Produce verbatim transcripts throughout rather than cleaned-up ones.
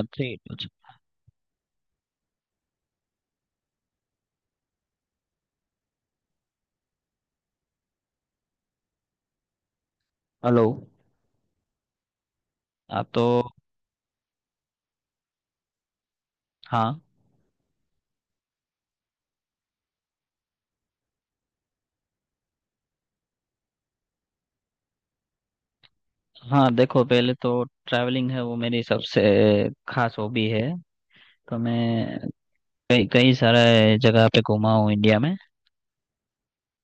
और ठीक है। हेलो। आप तो। हाँ। हाँ देखो, पहले तो ट्रैवलिंग है वो मेरी सबसे खास हॉबी है। तो मैं कई कई सारे जगह पे घूमा हूँ इंडिया में।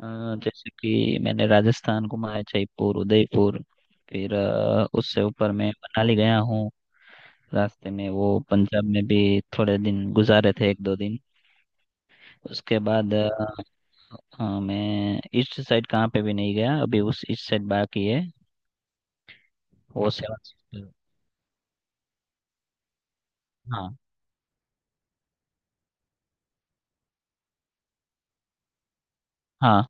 अ, जैसे कि मैंने राजस्थान घूमा है, जयपुर, उदयपुर। फिर अ, उससे ऊपर मैं मनाली गया हूँ। रास्ते में वो पंजाब में भी थोड़े दिन गुजारे थे, एक दो दिन। उसके बाद अ, हाँ, मैं ईस्ट साइड कहाँ पे भी नहीं गया, अभी उस ईस्ट साइड बाकी है। वो सेवन सिस्टर। हाँ।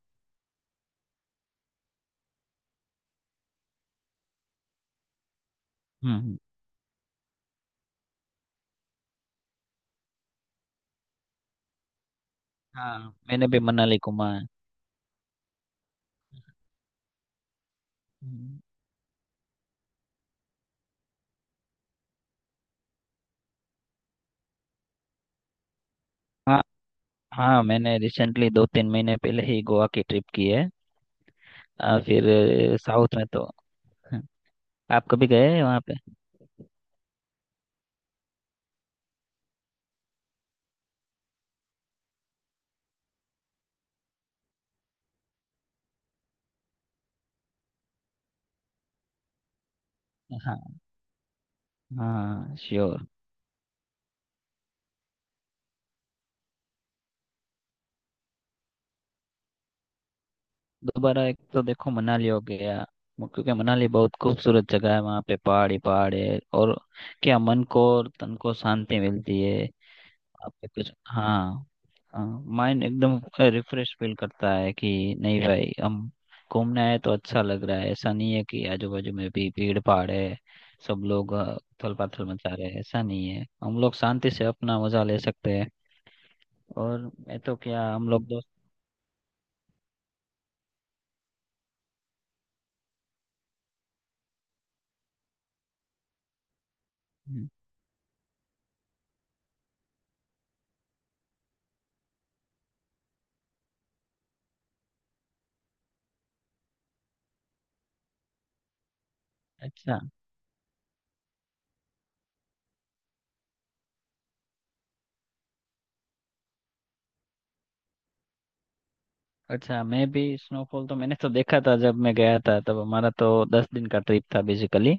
हम्म हम्म। हाँ मैंने भी मनाली घूमा है। हम्म। हाँ हाँ, मैंने रिसेंटली दो तीन महीने पहले ही गोवा की ट्रिप की है। आ, फिर अ, साउथ में तो, हाँ, आप कभी गए हैं वहाँ पे? हाँ हाँ श्योर। दोबारा एक तो देखो मनाली हो गया। वो- क्योंकि मनाली बहुत खूबसूरत जगह है, वहाँ पे पहाड़ ही पहाड़ है और क्या मन को और तन को शांति मिलती है। आपके कुछ, हाँ। हाँ। माइंड एकदम रिफ्रेश फील करता है कि नहीं भाई, हम घूमने आए तो अच्छा लग रहा है, ऐसा नहीं है कि आजू बाजू में भी भीड़ भाड़ है। सब लोग उथल पाथल मचा रहे हैं, ऐसा नहीं है, हम लोग शांति से अपना मजा ले सकते हैं। और मैं तो क्या हम लोग दोस्त। हम्म। अच्छा अच्छा, मैं भी स्नोफॉल तो मैंने तो देखा था, जब मैं गया था तब हमारा तो दस दिन का ट्रिप था बेसिकली।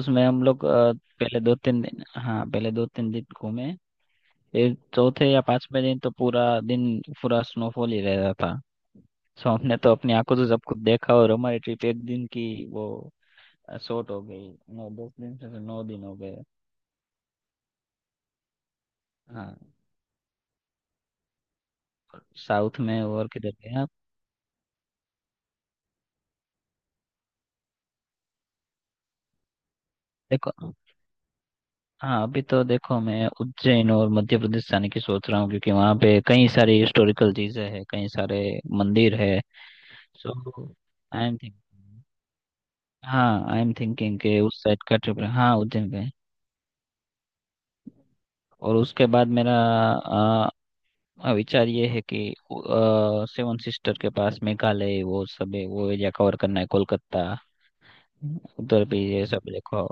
उसमें हम लोग अ, पहले दो तीन दिन, हाँ पहले दो तीन दिन घूमे। ये चौथे या पांचवें दिन तो पूरा दिन पूरा स्नोफॉल ही रहता था। सो हमने तो अपनी आंखों से सब कुछ देखा, और हमारी ट्रिप एक दिन की वो शॉर्ट हो गई। नौ दस दिन से तो नौ दिन हो गए। हाँ। साउथ में और किधर गए आप? देखो, हाँ अभी तो देखो मैं उज्जैन और मध्य प्रदेश जाने की सोच रहा हूँ क्योंकि वहाँ पे कई सारी हिस्टोरिकल चीजें हैं, कई सारे मंदिर है। सो आई एम थिंकिंग, हाँ आई एम थिंकिंग के उस साइड का ट्रिप, हाँ उज्जैन गए। और उसके बाद मेरा, हाँ, विचार ये है कि सेवन सिस्टर के पास मेघालय वो सब है, वो एरिया कवर करना है कोलकाता। हम्म, उधर भी ये सब देखो।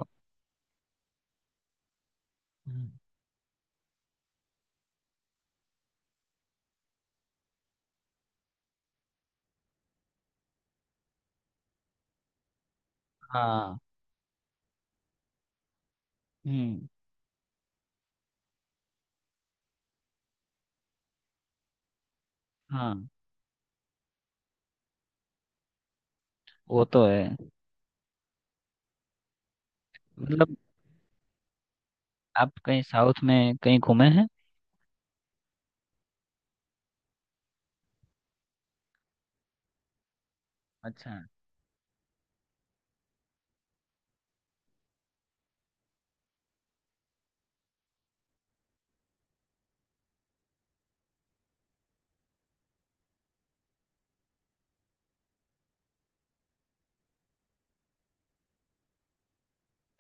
हम्म। हाँ। हम्म। हाँ वो तो है, मतलब। आप कहीं साउथ में कहीं घूमे हैं? अच्छा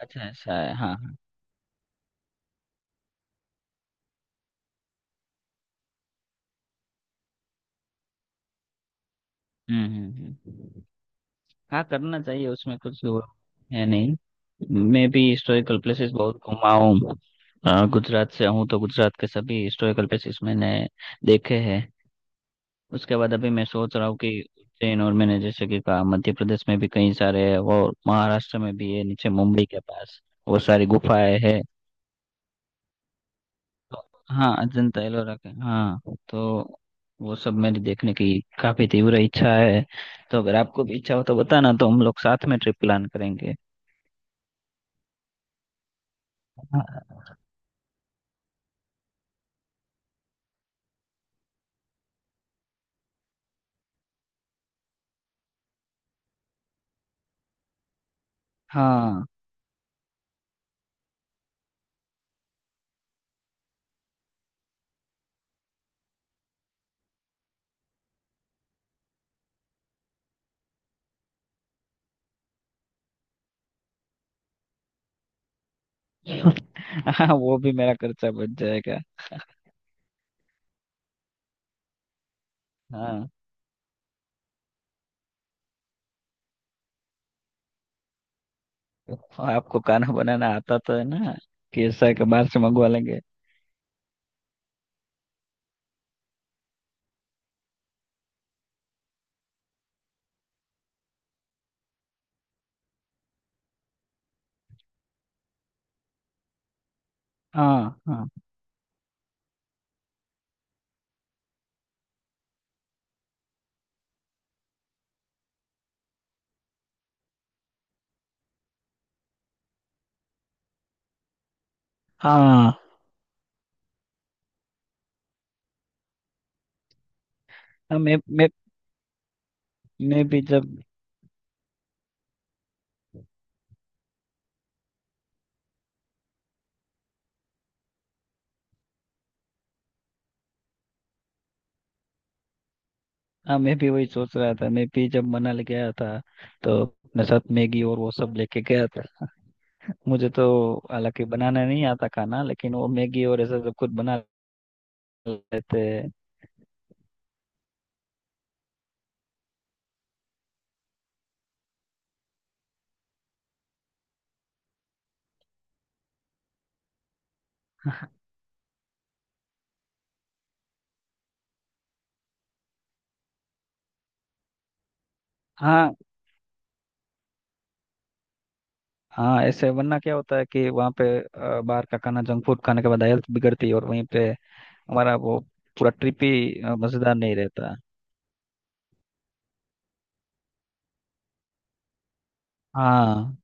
अच्छा। ऐसा है, हाँ हाँ। हम्म हम्म। हम्म। हाँ करना चाहिए उसमें कुछ वो है नहीं। मैं भी हिस्टोरिकल प्लेसेस बहुत घूमा हूँ। अ, गुजरात से हूँ तो गुजरात के सभी हिस्टोरिकल प्लेसेस मैंने देखे हैं। उसके बाद अभी मैं सोच रहा हूँ कि उज्जैन, और मैंने जैसे कि कहा मध्य प्रदेश में भी कई सारे है, और महाराष्ट्र में भी है नीचे मुंबई के पास, वो सारी गुफाएं है। हाँ अजंता एलोरा के, हाँ। तो वो सब मेरी देखने की काफी तीव्र इच्छा है। तो अगर आपको भी इच्छा हो तो बताना, तो हम लोग साथ में ट्रिप प्लान करेंगे। हाँ। हाँ वो भी मेरा खर्चा बच जाएगा। हाँ, तो आपको खाना बनाना आता तो है ना? कि ऐसा है कि बाहर से मंगवा लेंगे। हाँ हाँ। हाँ हाँ मैं मैं मैं भी जब, हाँ मैं भी वही सोच रहा था, मैं भी जब मनाली गया था तो अपने साथ मैगी और वो सब लेके गया था। मुझे तो, हालांकि बनाना नहीं आता खाना, लेकिन वो मैगी और ऐसा सब कुछ बना लेते हैं। हाँ। हाँ ऐसे वरना क्या होता है कि वहाँ पे अ, बाहर का खाना जंक फूड खाने के बाद हेल्थ बिगड़ती है, और वहीं पे हमारा वो पूरा ट्रिप ही अ, मजेदार नहीं रहता। हाँ।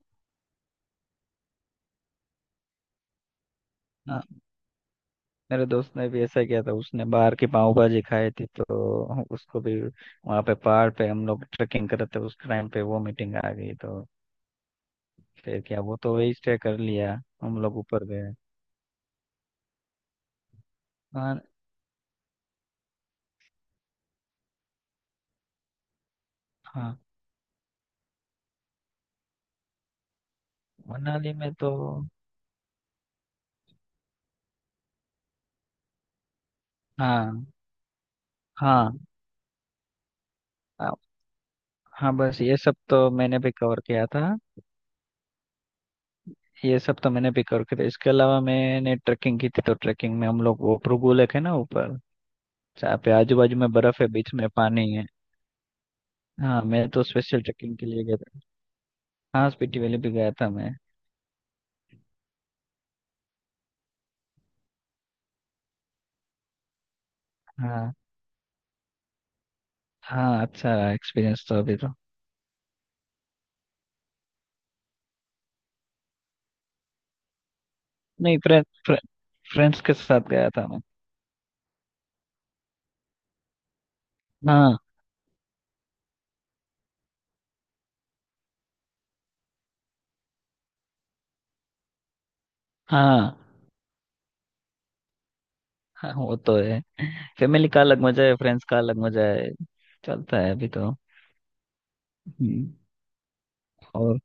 हाँ। मेरे दोस्त ने भी ऐसा किया था, उसने बाहर की पाव भाजी खाई थी, तो उसको भी वहाँ पे, पहाड़ पे हम लोग ट्रैकिंग कर रहे थे उस टाइम पे वो मीटिंग आ गई, तो फिर क्या वो तो वही स्टे कर लिया। हम लोग ऊपर गए। हाँ हाँ। मनाली में तो, हाँ हाँ हाँ। हाँ, बस ये सब तो मैंने भी कवर किया था। ये सब तो मैंने भी कवर किया था, इसके अलावा मैंने ट्रैकिंग की थी। तो ट्रैकिंग में हम लोग वो भृगु लेक है ना ऊपर, जहाँ पे आजू बाजू में बर्फ है बीच में पानी है। हाँ मैं तो स्पेशल ट्रैकिंग के लिए गया था। हाँ स्पीति वैली भी गया था मैं। हाँ हाँ, अच्छा एक्सपीरियंस तो अभी तो। नहीं फ्रेंड, फ्रेंड्स के साथ गया था मैं। हाँ हाँ। हाँ वो तो है। फैमिली का अलग मजा है, फ्रेंड्स का अलग मजा है। चलता है, अभी तो। हम्म। और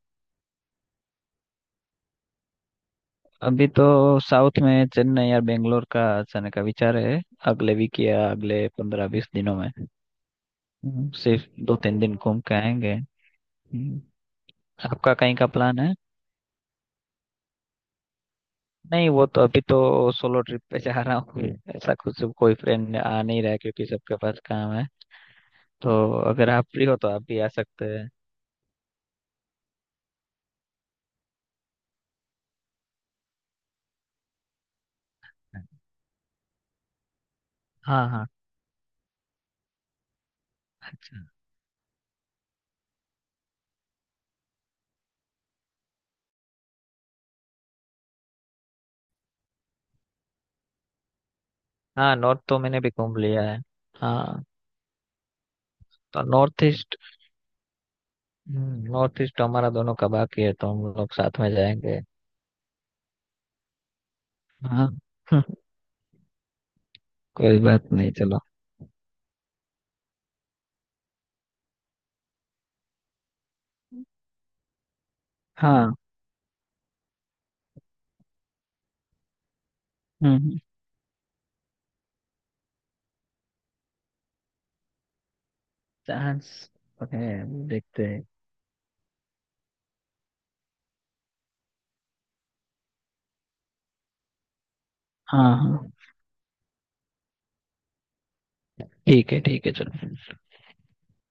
अभी तो साउथ में चेन्नई या बेंगलोर का जाने का विचार है, अगले वीक या अगले पंद्रह बीस दिनों में। हम्म, सिर्फ दो तीन दिन घूम के आएंगे। हम्म। आपका कहीं का प्लान है? नहीं वो तो अभी तो सोलो ट्रिप पे जा रहा हूँ। हम्म। ऐसा कुछ कोई फ्रेंड आ नहीं रहा है क्योंकि सबके पास काम है। तो अगर आप फ्री हो तो आप भी आ सकते हैं। हाँ हाँ। अच्छा। हाँ नॉर्थ तो मैंने भी घूम लिया है। हाँ तो नॉर्थ ईस्ट, नॉर्थ ईस्ट हमारा दोनों का बाकी है, तो हम लोग साथ में जाएंगे। हाँ। कोई बात नहीं, चलो। हाँ। हम्म। चांस है, देखते हैं। हाँ हाँ। ठीक है ठीक है चलो।